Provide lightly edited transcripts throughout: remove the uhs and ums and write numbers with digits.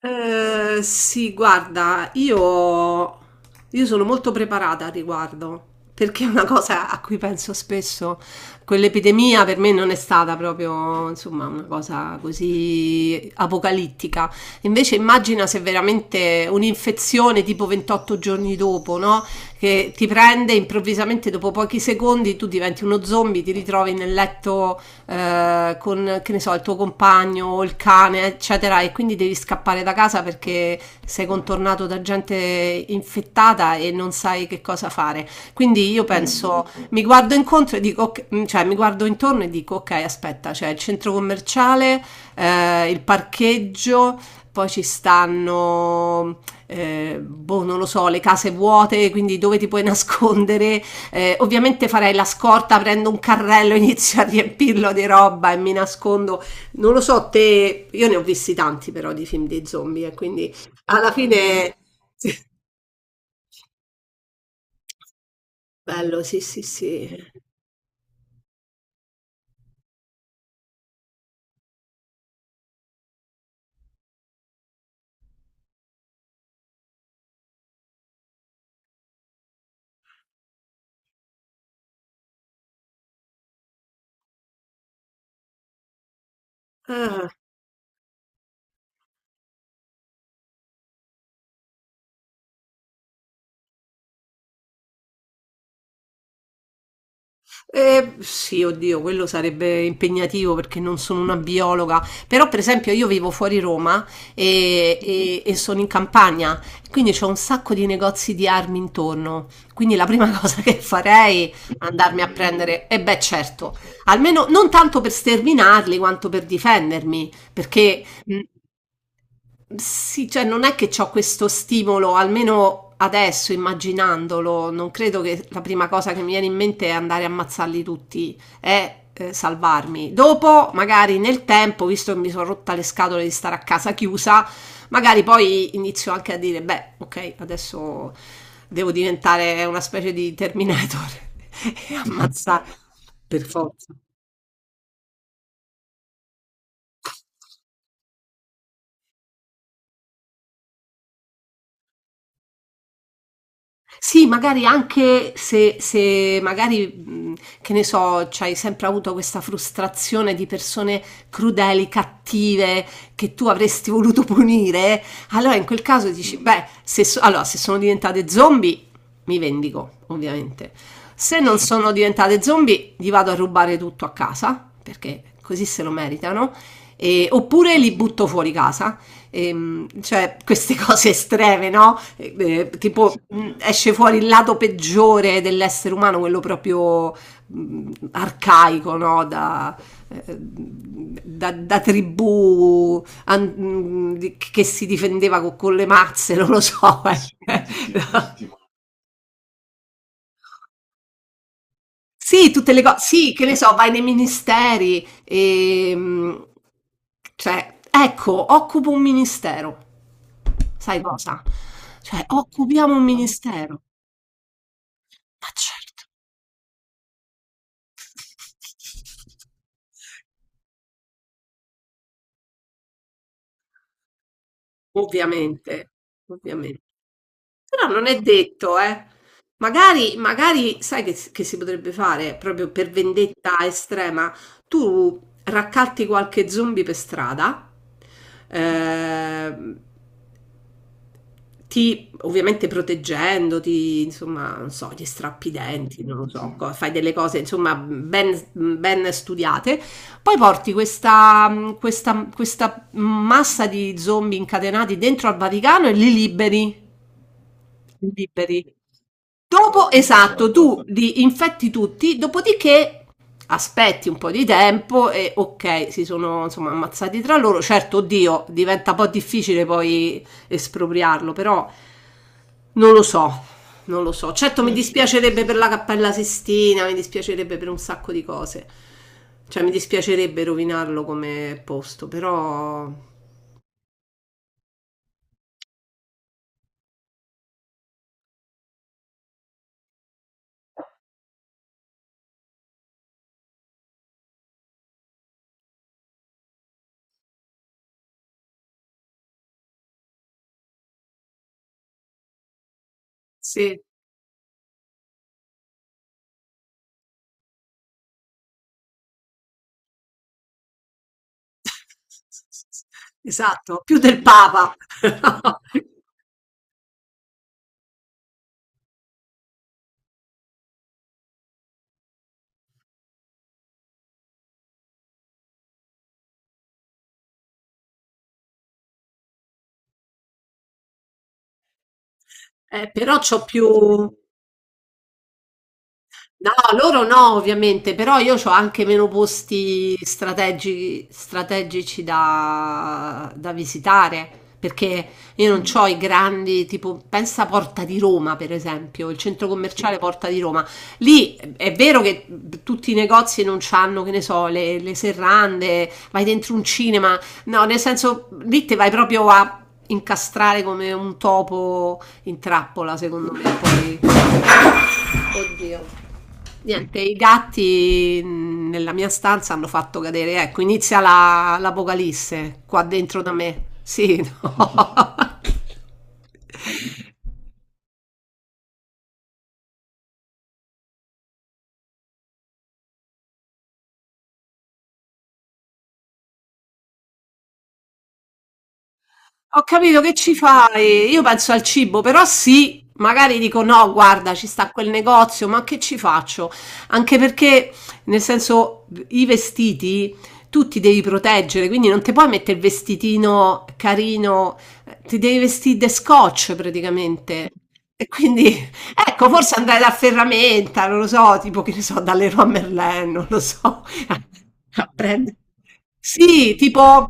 Sì, guarda, io sono molto preparata al riguardo, perché è una cosa a cui penso spesso. Quell'epidemia per me non è stata proprio, insomma, una cosa così apocalittica. Invece immagina se veramente un'infezione tipo 28 giorni dopo, no? Che ti prende improvvisamente dopo pochi secondi, tu diventi uno zombie, ti ritrovi nel letto con che ne so, il tuo compagno o il cane, eccetera, e quindi devi scappare da casa perché sei contornato da gente infettata e non sai che cosa fare. Quindi io penso, mi guardo incontro e dico, cioè mi guardo intorno e dico, ok, aspetta, c'è il centro commerciale, il parcheggio, poi ci stanno, boh, non lo so, le case vuote, quindi dove ti puoi nascondere, ovviamente farei la scorta, prendo un carrello, inizio a riempirlo di roba e mi nascondo. Non lo so, te, io ne ho visti tanti però di film di zombie, e quindi alla fine. Bello, sì, sì, sì. Ah. Sì, oddio, quello sarebbe impegnativo perché non sono una biologa, però per esempio io vivo fuori Roma e sono in campagna, quindi c'ho un sacco di negozi di armi intorno, quindi la prima cosa che farei è andarmi a prendere, e beh certo, almeno non tanto per sterminarli quanto per difendermi, perché. Sì, cioè non è che ho questo stimolo, almeno adesso immaginandolo, non credo che la prima cosa che mi viene in mente è andare a ammazzarli tutti, è salvarmi. Dopo, magari nel tempo, visto che mi sono rotta le scatole di stare a casa chiusa, magari poi inizio anche a dire, beh, ok, adesso devo diventare una specie di Terminator e ammazzare per forza. Sì, magari anche se magari, che ne so, c'hai sempre avuto questa frustrazione di persone crudeli, cattive, che tu avresti voluto punire, allora in quel caso dici, beh, se, so- allora, se sono diventate zombie, mi vendico, ovviamente. Se non sono diventate zombie, gli vado a rubare tutto a casa, perché così se lo meritano, oppure li butto fuori casa cioè queste cose estreme, no? Tipo esce fuori il lato peggiore dell'essere umano, quello proprio arcaico, no? Da tribù che si difendeva con le mazze, non lo so. Sì, sì, sì. No. Sì, tutte le cose, sì, che ne so, vai nei ministeri, cioè, ecco, occupo un ministero, sai cosa? Cioè, occupiamo un ministero, ovviamente, ovviamente. Però non è detto, eh. Magari, magari, sai che si potrebbe fare, proprio per vendetta estrema, tu raccatti qualche zombie per strada, ehm, Ti ovviamente proteggendoti, insomma, non so, gli strappi i denti, non lo so, fai delle cose, insomma, ben, ben studiate. Poi porti questa, questa massa di zombie incatenati dentro al Vaticano e li liberi. Li liberi. Dopo, esatto, tu li infetti tutti, dopodiché aspetti un po' di tempo e ok, si sono insomma ammazzati tra loro. Certo, oddio, diventa un po' difficile poi espropriarlo, però non lo so, non lo so. Certo, mi dispiacerebbe per la Cappella Sistina, mi dispiacerebbe per un sacco di cose. Cioè, mi dispiacerebbe rovinarlo come posto, però sì. Esatto, più del Papa. Però c'ho più. No, loro no, ovviamente, però io c'ho anche meno posti strategici da visitare, perché io non c'ho i grandi, tipo, pensa a Porta di Roma, per esempio, il centro commerciale Porta di Roma. Lì è vero che tutti i negozi non c'hanno, che ne so, le serrande, vai dentro un cinema, no, nel senso, lì te vai proprio a incastrare come un topo in trappola, secondo me, poi. Oddio. Niente, i gatti nella mia stanza hanno fatto cadere, ecco, inizia l'apocalisse qua dentro da me. Sì, no. Ho capito che ci fai? Io penso al cibo, però sì, magari dico no, guarda, ci sta quel negozio, ma che ci faccio? Anche perché, nel senso, i vestiti tu ti devi proteggere, quindi non ti puoi mettere il vestitino carino, ti devi vestire da scotch praticamente. E quindi, ecco, forse andare da Ferramenta, non lo so, tipo che ne so, dalle Leroy Merlin, non lo so. Prende. Sì, tipo.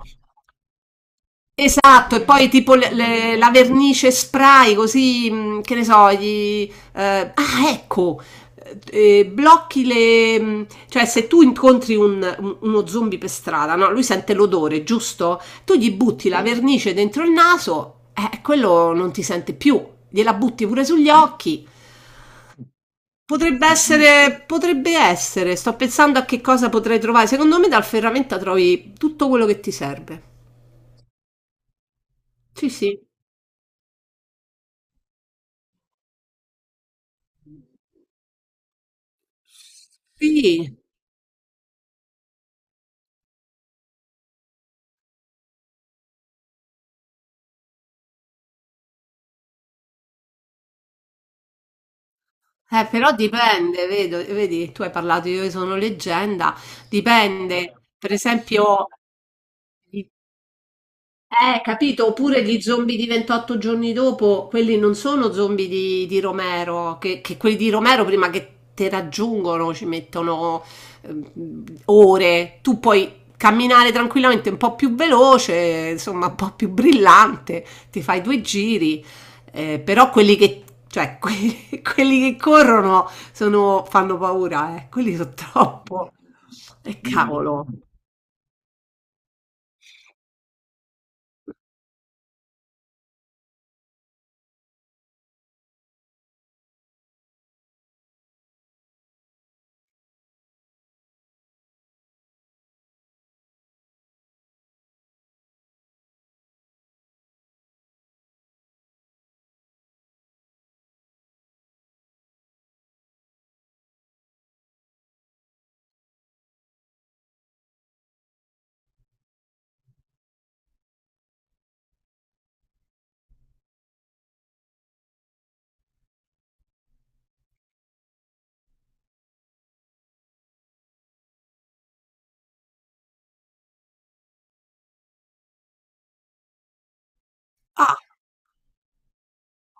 Esatto, e poi tipo la vernice spray, così, che ne so, gli. Ah, ecco, eh, blocchi cioè se tu incontri uno zombie per strada, no? Lui sente l'odore, giusto? Tu gli butti la vernice dentro il naso, quello non ti sente più, gliela butti pure sugli occhi. Potrebbe essere, sto pensando a che cosa potrei trovare. Secondo me dal ferramenta trovi tutto quello che ti serve. Sì, sì. Sì. Però dipende, vedi, tu hai parlato, Io sono leggenda, dipende, per esempio, capito? Oppure gli zombie di 28 giorni dopo, quelli non sono zombie di, Romero, che quelli di Romero prima che te raggiungono ci mettono ehm, ore. Tu puoi camminare tranquillamente un po' più veloce, insomma, un po' più brillante, ti fai due giri, però quelli che, cioè, quelli che corrono fanno paura, eh. Quelli sono troppo. E cavolo. Ah,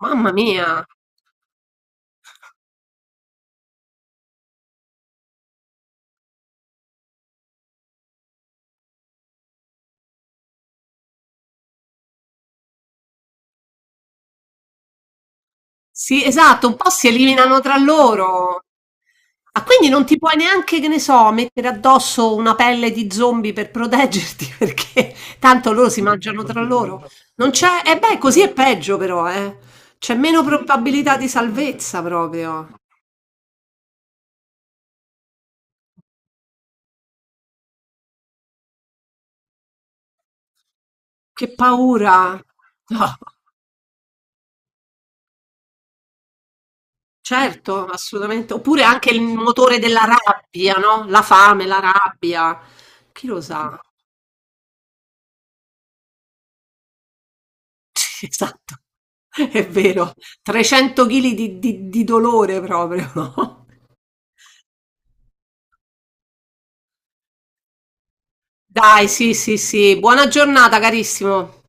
mamma mia. Sì, esatto, un po' si eliminano tra loro. Ah, quindi non ti puoi neanche, che ne so, mettere addosso una pelle di zombie per proteggerti, perché tanto loro si mangiano tra loro. Non c'è, e beh, così è peggio però, eh. C'è meno probabilità di salvezza proprio. Che paura. No, certo, assolutamente. Oppure anche il motore della rabbia, no? La fame, la rabbia. Chi lo sa? Esatto, è vero. 300 chili di dolore proprio, no. Dai, sì, sì, sì. Buona giornata carissimo.